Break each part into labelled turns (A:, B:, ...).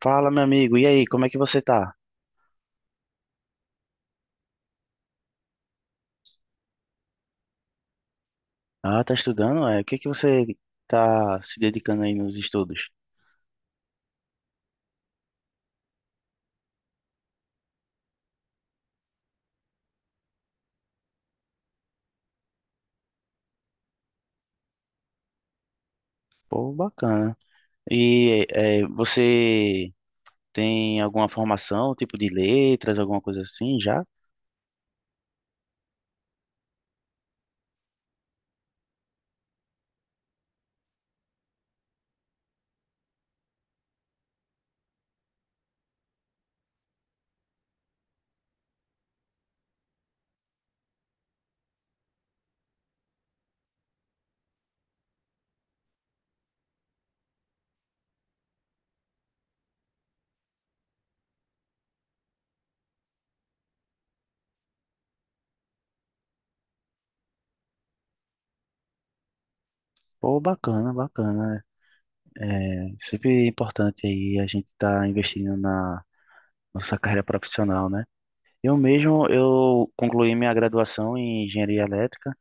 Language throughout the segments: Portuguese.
A: Fala, meu amigo. E aí, como é que você tá? Ah, tá estudando? O que é que você tá se dedicando aí nos estudos? Pô, bacana. E você tem alguma formação, tipo de letras, alguma coisa assim já? Pô, bacana, bacana. É sempre importante aí a gente tá investindo na nossa carreira profissional, né? Eu mesmo, eu concluí minha graduação em engenharia elétrica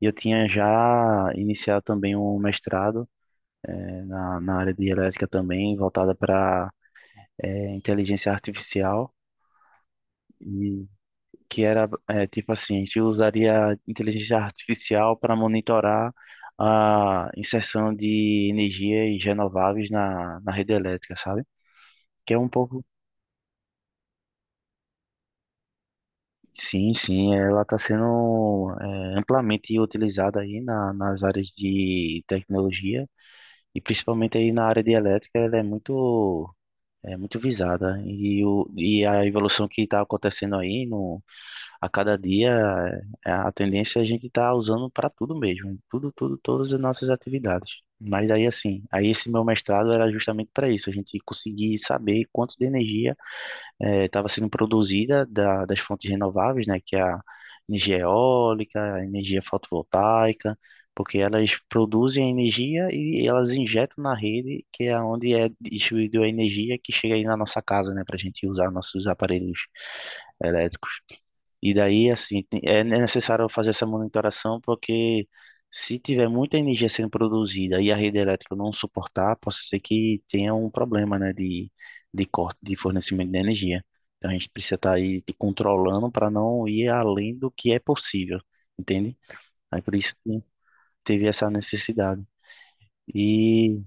A: e eu tinha já iniciado também um mestrado na área de elétrica também, voltada para inteligência artificial, e que era tipo assim, a gente usaria inteligência artificial para monitorar a inserção de energias renováveis na rede elétrica, sabe? Que é um pouco. Sim, sim, ela está sendo amplamente utilizada aí nas áreas de tecnologia e principalmente aí na área de elétrica, ela é muito, é muito visada. E a evolução que está acontecendo aí, no, a cada dia, a tendência é a gente estar usando para tudo mesmo, em tudo, tudo, todas as nossas atividades. Mas aí, assim, aí esse meu mestrado era justamente para isso, a gente conseguir saber quanto de energia estava sendo produzida das fontes renováveis, né, que é a energia eólica, a energia fotovoltaica, porque elas produzem a energia e elas injetam na rede, que é onde é distribuída a energia que chega aí na nossa casa, né, para a gente usar nossos aparelhos elétricos. E daí, assim, é necessário fazer essa monitoração porque se tiver muita energia sendo produzida e a rede elétrica não suportar, pode ser que tenha um problema, né, de corte de fornecimento de energia. Então a gente precisa estar aí te controlando para não ir além do que é possível, entende? Aí por isso que teve essa necessidade. E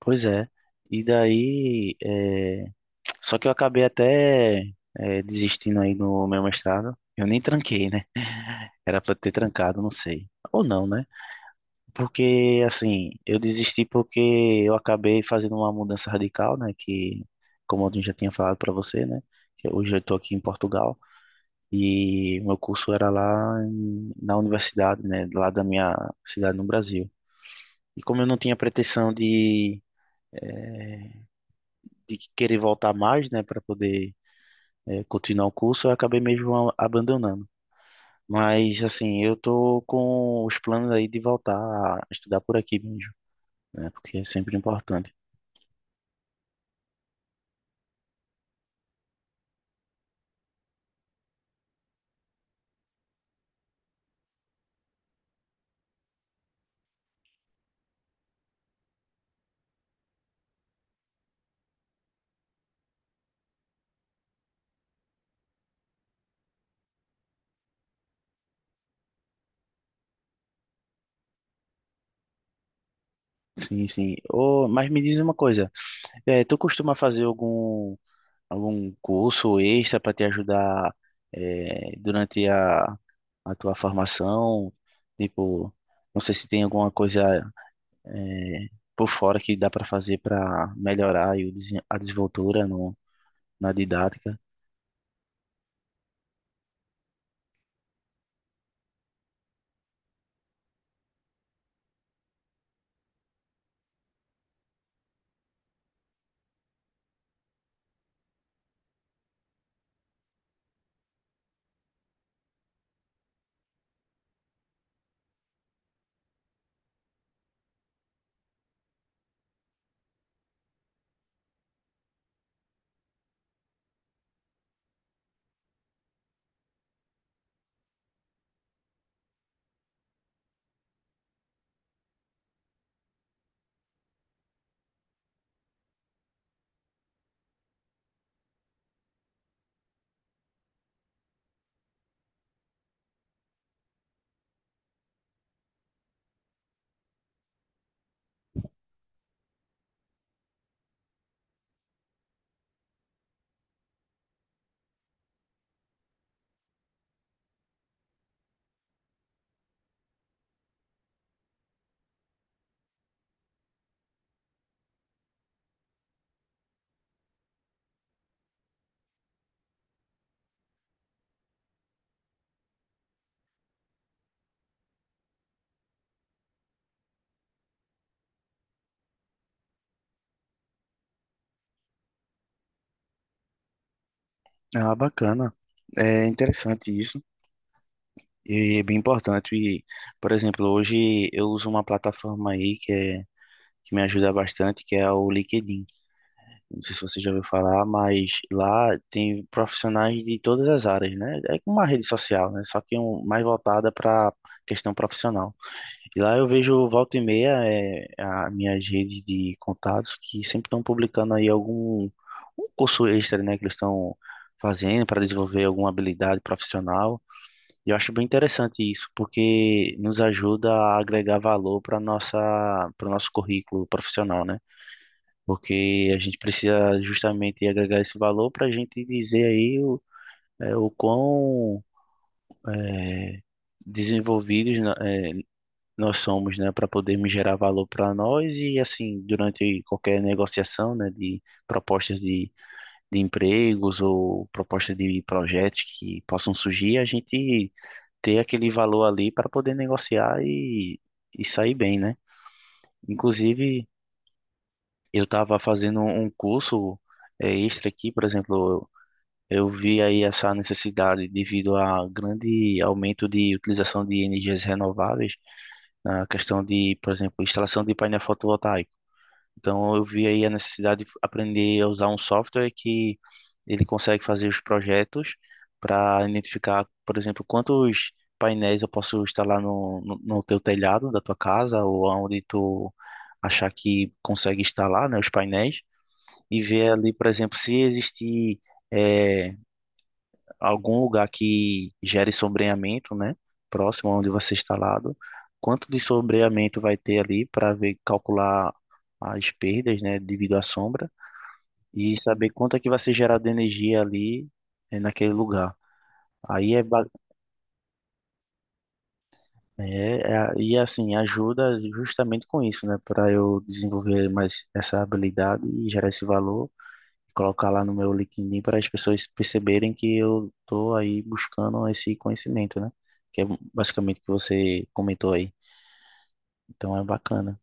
A: pois é. E daí, só que eu acabei até desistindo aí no meu mestrado. Eu nem tranquei, né? Era pra ter trancado, não sei. Ou não, né? Porque, assim, eu desisti porque eu acabei fazendo uma mudança radical, né? Que, como eu já tinha falado pra você, né? Que hoje eu tô aqui em Portugal e meu curso era na universidade, né? Lá da minha cidade no Brasil. E como eu não tinha pretensão de, eh, de querer voltar mais, né? Pra poder, continuar o curso, eu acabei mesmo abandonando. Mas, assim, eu tô com os planos aí de voltar a estudar por aqui mesmo, né? Porque é sempre importante. Sim, sim. Ô, mas me diz uma coisa, tu costuma fazer algum curso extra para te ajudar, durante a tua formação? Tipo, não sei se tem alguma coisa, é, por fora que dá para fazer para melhorar aí o a desenvoltura no, na didática. Ah, bacana. É interessante isso. E é bem importante. E, por exemplo, hoje eu uso uma plataforma aí que me ajuda bastante, que é o LinkedIn. Não sei se você já ouviu falar, mas lá tem profissionais de todas as áreas, né? É como uma rede social, né? Só que um, mais voltada para questão profissional. E lá eu vejo volta e meia as minhas redes de contatos que sempre estão publicando aí algum um curso extra, né? Que eles estão fazendo para desenvolver alguma habilidade profissional. E eu acho bem interessante isso, porque nos ajuda a agregar valor para nossa, para o nosso currículo profissional, né? Porque a gente precisa justamente agregar esse valor para a gente dizer aí o, o quão desenvolvidos nós somos, né? Para podermos gerar valor para nós e assim, durante qualquer negociação, né? De propostas de empregos ou propostas de projetos que possam surgir, a gente ter aquele valor ali para poder negociar e sair bem, né? Inclusive, eu estava fazendo um curso extra aqui, por exemplo, eu vi aí essa necessidade devido a grande aumento de utilização de energias renováveis na questão de, por exemplo, instalação de painel fotovoltaico. Então eu vi aí a necessidade de aprender a usar um software que ele consegue fazer os projetos para identificar, por exemplo, quantos painéis eu posso instalar no teu telhado da tua casa ou aonde tu achar que consegue instalar, né, os painéis e ver ali, por exemplo, se existir eh, algum lugar que gere sombreamento, né? Próximo onde você está instalado. Quanto de sombreamento vai ter ali para ver, calcular as perdas, né, devido à sombra e saber quanto é que vai ser gerado energia ali naquele lugar. Aí é, ba- é, é- e assim ajuda justamente com isso, né, para eu desenvolver mais essa habilidade e gerar esse valor, colocar lá no meu LinkedIn para as pessoas perceberem que eu estou aí buscando esse conhecimento, né? Que é basicamente o que você comentou aí. Então é bacana.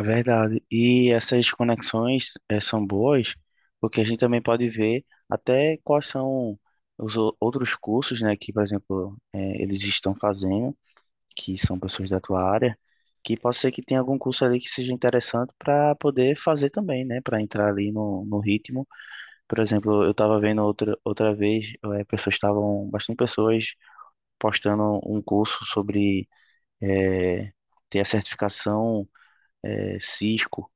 A: Verdade. E essas conexões são boas porque a gente também pode ver até quais são os outros cursos, né, que, por exemplo, eles estão fazendo, que são pessoas da tua área, que pode ser que tenha algum curso ali que seja interessante para poder fazer também, né, para entrar ali no, no ritmo. Por exemplo, eu estava vendo outra vez, pessoas estavam, bastante pessoas postando um curso sobre eh, ter a certificação Cisco,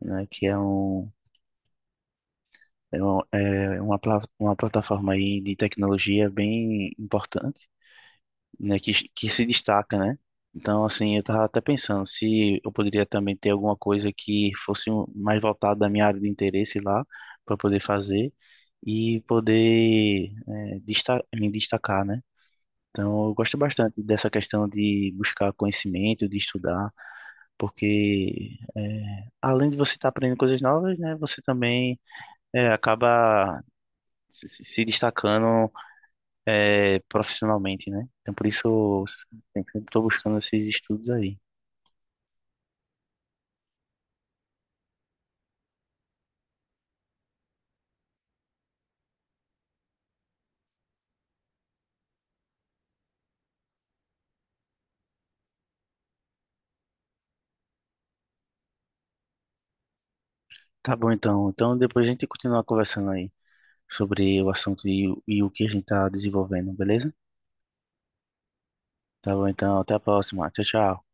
A: né, que é uma, uma plataforma aí de tecnologia bem importante, né, que se destaca, né? Então, assim, eu tava até pensando se eu poderia também ter alguma coisa que fosse mais voltada da minha área de interesse lá, para poder fazer e poder me destacar, né? Então, eu gosto bastante dessa questão de buscar conhecimento, de estudar, porque além de você estar aprendendo coisas novas, né, você também acaba se destacando profissionalmente, né? Então, por isso, eu sempre estou buscando esses estudos aí. Tá bom, então. Então, depois a gente continua conversando aí sobre o assunto e o que a gente tá desenvolvendo, beleza? Tá bom, então. Até a próxima. Tchau, tchau.